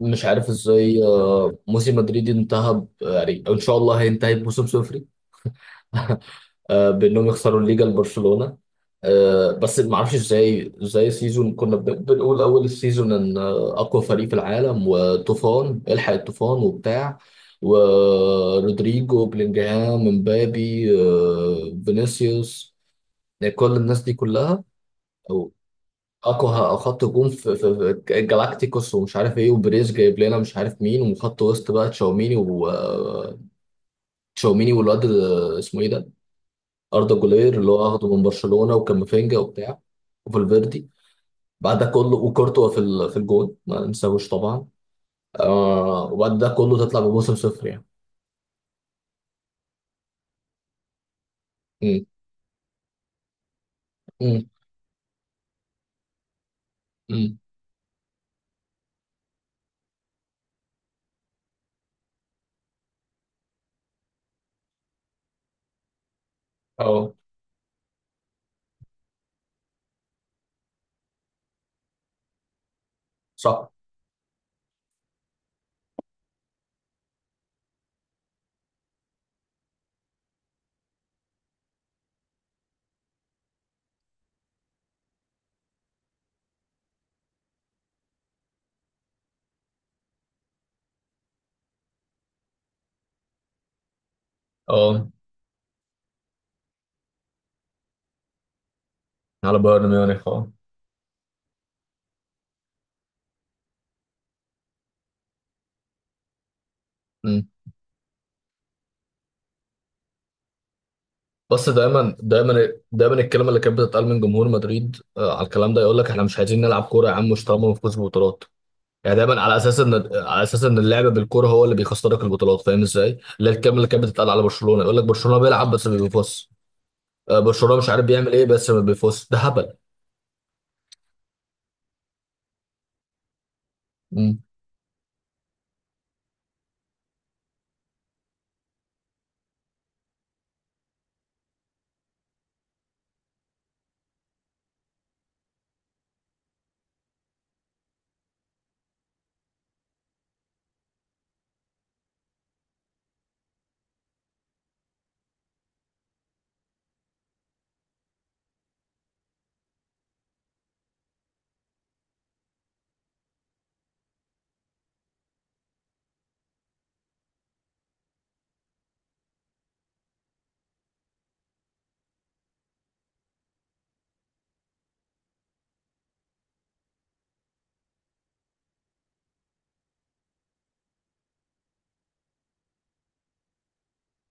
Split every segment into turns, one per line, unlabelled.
مش عارف ازاي، موسم مدريد انتهى يعني ان شاء الله هينتهي بموسم صفري. بانهم يخسروا الليجا لبرشلونه. بس ما اعرفش ازاي سيزون. كنا بنقول اول السيزون ان اقوى فريق في العالم، وطوفان الحق الطوفان وبتاع، ورودريجو بلينجهام مبابي، فينيسيوس، يعني كل الناس دي كلها، اقوى خط هجوم في جالاكتيكوس، ومش عارف ايه، وبريز جايب لنا مش عارف مين، وخط وسط بقى تشاوميني و تشاوميني والواد اسمه ايه ده، اردا جولير اللي هو اخده من برشلونه، وكامافينجا وبتاع، وفالفيردي. بعد ده كله وكورتوا في في الجون ما ننساهوش طبعا. وبعد ده كله تطلع بموسم صفر يعني. امم. امم. امم. اه. صح. اه. على بايرن ميونخ، اه. بس دايما دايما دايما الكلمه اللي كانت بتتقال من جمهور مدريد، على الكلام ده، يقول لك احنا مش عايزين نلعب كوره يا عم، مش طالما بنفوز ببطولات. يعني دايما على اساس ان، على اساس ان اللعب بالكوره هو اللي بيخسرك البطولات. فاهم ازاي؟ اللي هي الكلمه اللي كانت بتتقال على برشلونه، يقول لك برشلونه بيلعب بس ما بيفوزش. برشلونه مش عارف بيعمل ايه بس ما بيفوزش. ده هبل. مم.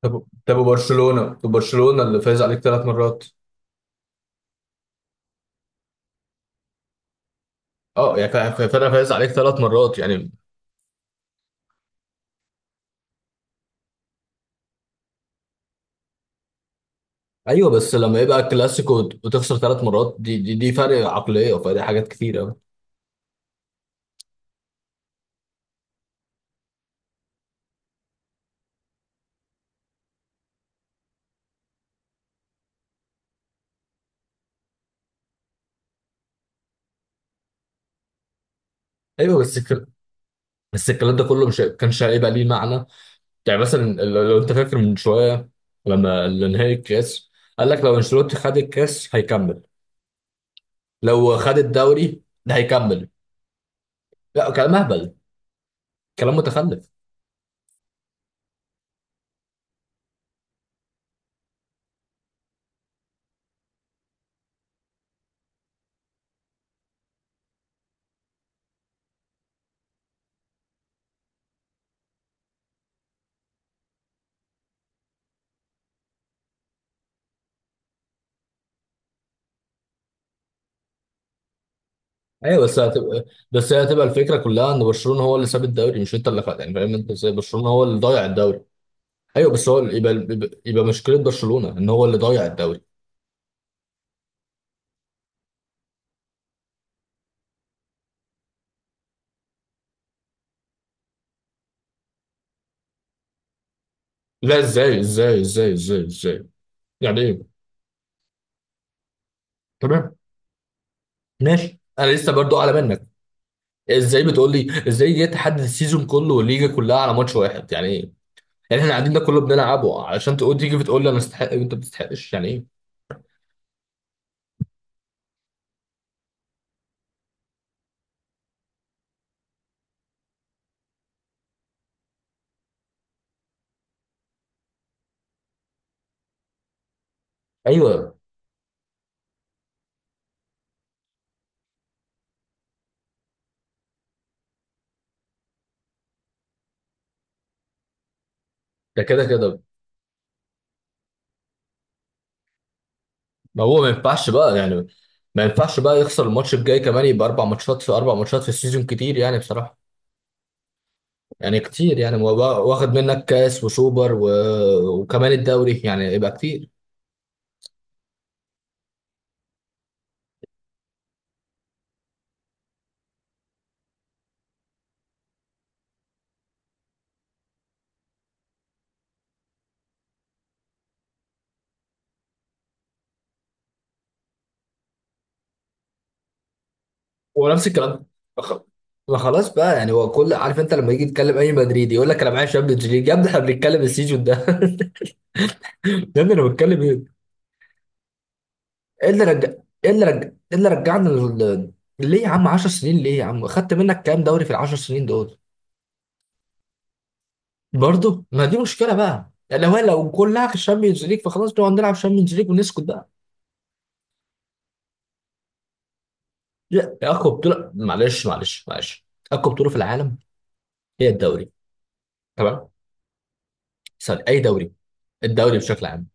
طب طب، برشلونه اللي فايز عليك ثلاث مرات. اه يعني، فرقه فايز عليك ثلاث مرات يعني. ايوه بس لما يبقى كلاسيكو وتخسر ثلاث مرات، دي فرق عقليه، فدي حاجات كتيره. ايوه بس بس الكلام ده كله مش كانش هيبقى ليه معنى. يعني مثلا، لو انت فاكر من شويه لما نهائي الكاس، قال لك لو انشيلوتي خد الكاس هيكمل، لو خد الدوري ده هيكمل. لا، كلام اهبل. كلام متخلف. ايوه، بس هي هتبقى الفكره كلها ان برشلونه هو اللي ساب الدوري مش انت اللي خد، يعني فاهم انت ازاي؟ برشلونه هو اللي ضيع الدوري. ايوه بس هو يبقى مشكله برشلونه ان هو اللي ضيع الدوري. لا، ازاي ازاي ازاي ازاي ازاي، يعني ايه؟ تمام ماشي، انا لسه برضو اعلى منك. ازاي بتقول لي، ازاي جاي تحدد السيزون كله والليجا كلها على ماتش واحد؟ يعني ايه؟ يعني احنا قاعدين ده كله بنلعبه علشان تقول، تيجي بتقول لي انا استحق وانت ما بتستحقش؟ يعني ايه؟ ايوه. ده كده كده. ما هو، ما ينفعش بقى يعني. ما ينفعش بقى يخسر الماتش الجاي كمان، يبقى اربع ماتشات، في اربع ماتشات في السيزون كتير يعني بصراحه. يعني كتير، يعني هو بقى واخد منك كاس وسوبر وكمان الدوري، يعني يبقى كتير. ونفس الكلام. خ- ما خلاص بقى يعني، هو كل عارف، انت لما يجي يتكلم اي مدريدي يقول لك انا معايا شامبيونز ليج، يا ابني احنا بنتكلم السيزون ده. ده اللي انا بتكلم ايه. إيه اللي رجع ايه اللي رجع ايه اللي رجعنا ليه يا عم؟ 10 سنين ليه يا عم؟ خدت منك كام دوري في ال 10 سنين دول؟ برضه ما دي مشكله بقى يعني، لو كلها في الشامبيونز ليج فخلاص نقعد نلعب شامبيونز ليج ونسكت بقى. لا يا اقوى بطوله، معلش معلش معلش، اقوى بطوله في العالم هي الدوري. تمام. سوري، اي دوري؟ الدوري بشكل عام.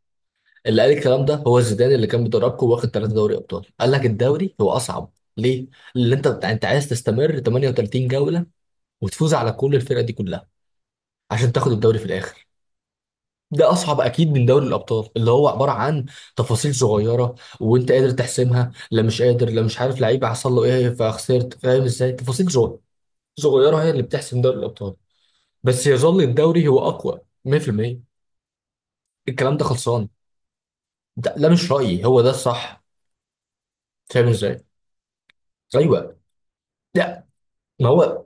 اللي قال الكلام ده هو زيدان اللي كان بيدربكم، واخد ثلاثه دوري ابطال، قال لك الدوري هو اصعب. ليه؟ اللي انت عايز تستمر 38 جوله وتفوز على كل الفرق دي كلها عشان تاخد الدوري في الاخر، ده اصعب اكيد من دوري الابطال اللي هو عباره عن تفاصيل صغيره، وانت قادر تحسمها. لا، مش قادر، لا مش عارف لعيب حصل له ايه فخسرت. فاهم ازاي؟ تفاصيل صغيره، صغيره هي اللي بتحسم دوري الابطال. بس يظل الدوري هو اقوى 100%. الكلام ده خلصان. ده لا مش رايي، هو ده الصح. فاهم ازاي؟ ايوه. لا ما هو،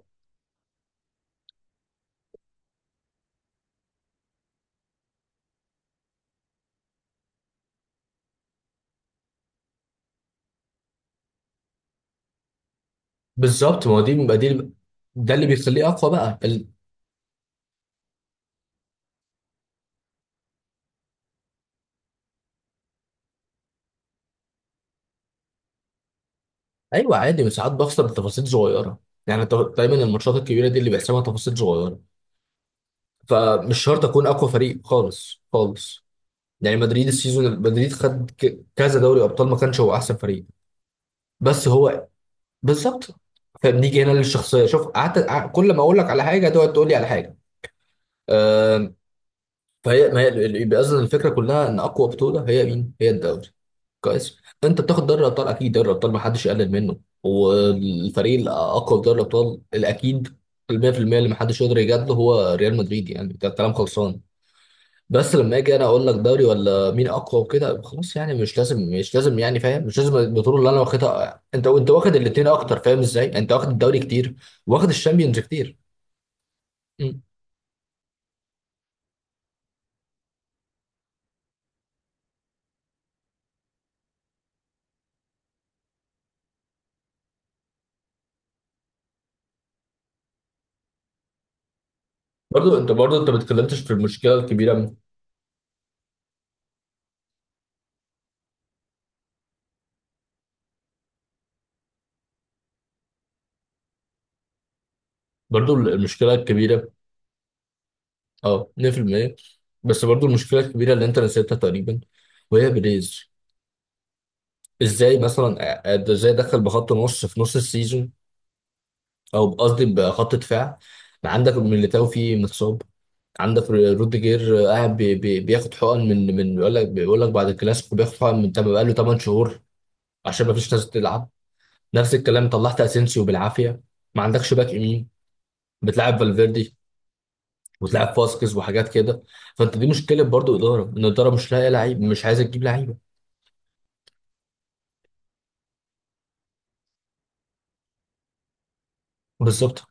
بالظبط، ما دي ده اللي بيخليه اقوى بقى ايوه عادي بس ساعات بخسر بتفاصيل صغيره. يعني دايما الماتشات الكبيره دي اللي بيحسمها تفاصيل صغيره، فمش شرط اكون اقوى فريق خالص خالص. يعني مدريد السيزون، مدريد خد كذا دوري ابطال ما كانش هو احسن فريق، بس هو. بالظبط. فبنيجي هنا للشخصيه، شوف، كل ما اقول لك على حاجه تقعد تقول لي على حاجه. آم، فهي، ما هي اللي بيأذن، الفكره كلها ان اقوى بطوله هي مين؟ هي الدوري. كويس. انت بتاخد دوري الابطال، اكيد دوري الابطال ما حدش يقلل منه، والفريق الاقوى في دوري الابطال الاكيد، ال 100% اللي ما حدش يقدر يجادله هو ريال مدريد، يعني ده كلام خلصان. بس لما اجي انا اقول لك دوري ولا مين اقوى وكده، خلاص يعني مش لازم مش لازم، يعني فاهم، مش لازم البطوله اللي انا واخدها، انت واخد الاثنين اكتر، فاهم ازاي؟ انت واخد الدوري كتير، واخد الشامبيونز كتير. مم. برضو انت ما اتكلمتش في المشكله الكبيره. برضو المشكله الكبيره. اه 100%. بس برضو المشكله الكبيره اللي انت نسيتها تقريبا، وهي بريز. ازاي مثلا؟ ازاي دخل بخط نص في نص السيزون؟ او قصدي بخط دفاع. عندك ميليتاو فيه متصاب، عندك روديجير قاعد بي بي بياخد حقن من بيقول لك، بعد الكلاسيكو بياخد حقن من بقى له 8 شهور، عشان ما فيش ناس تلعب. نفس الكلام، طلعت اسينسيو بالعافيه. ما عندكش باك يمين، بتلعب فالفيردي وتلعب فاسكيز وحاجات كده. فانت، دي مشكله برضو اداره، ان الاداره مش لاقيه لعيب، مش عايزه تجيب لعيبه. بالظبط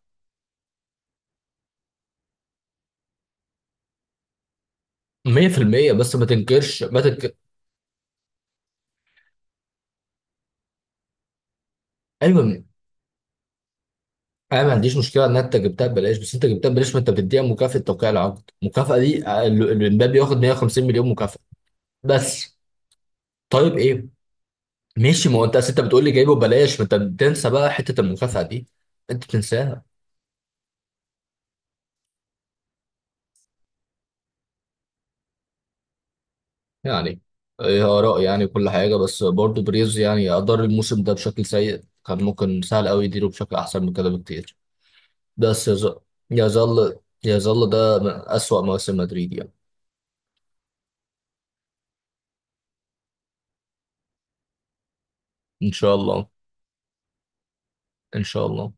100%، بس ما تنكرش ما تنكر. ايوه، انا ما عنديش مشكله ان انت جبتها ببلاش، بس انت جبتها ببلاش ما انت بتديها مكافاه توقيع العقد، المكافاه دي الامبابي ياخد 150 مليون مكافاه بس. طيب ايه، ماشي. ما هو انت، أصل انت بتقول لي جايبه ببلاش، ما انت بتنسى بقى حته المكافاه دي، انت بتنساها. يعني ايه، اراء، يعني كل حاجه. بس برضه بريز يعني ادار الموسم ده بشكل سيء، كان ممكن سهل قوي يديره بشكل احسن من كده بكتير. بس يظل، يظل ده من اسوأ مواسم مدريد يعني. ان شاء الله. ان شاء الله.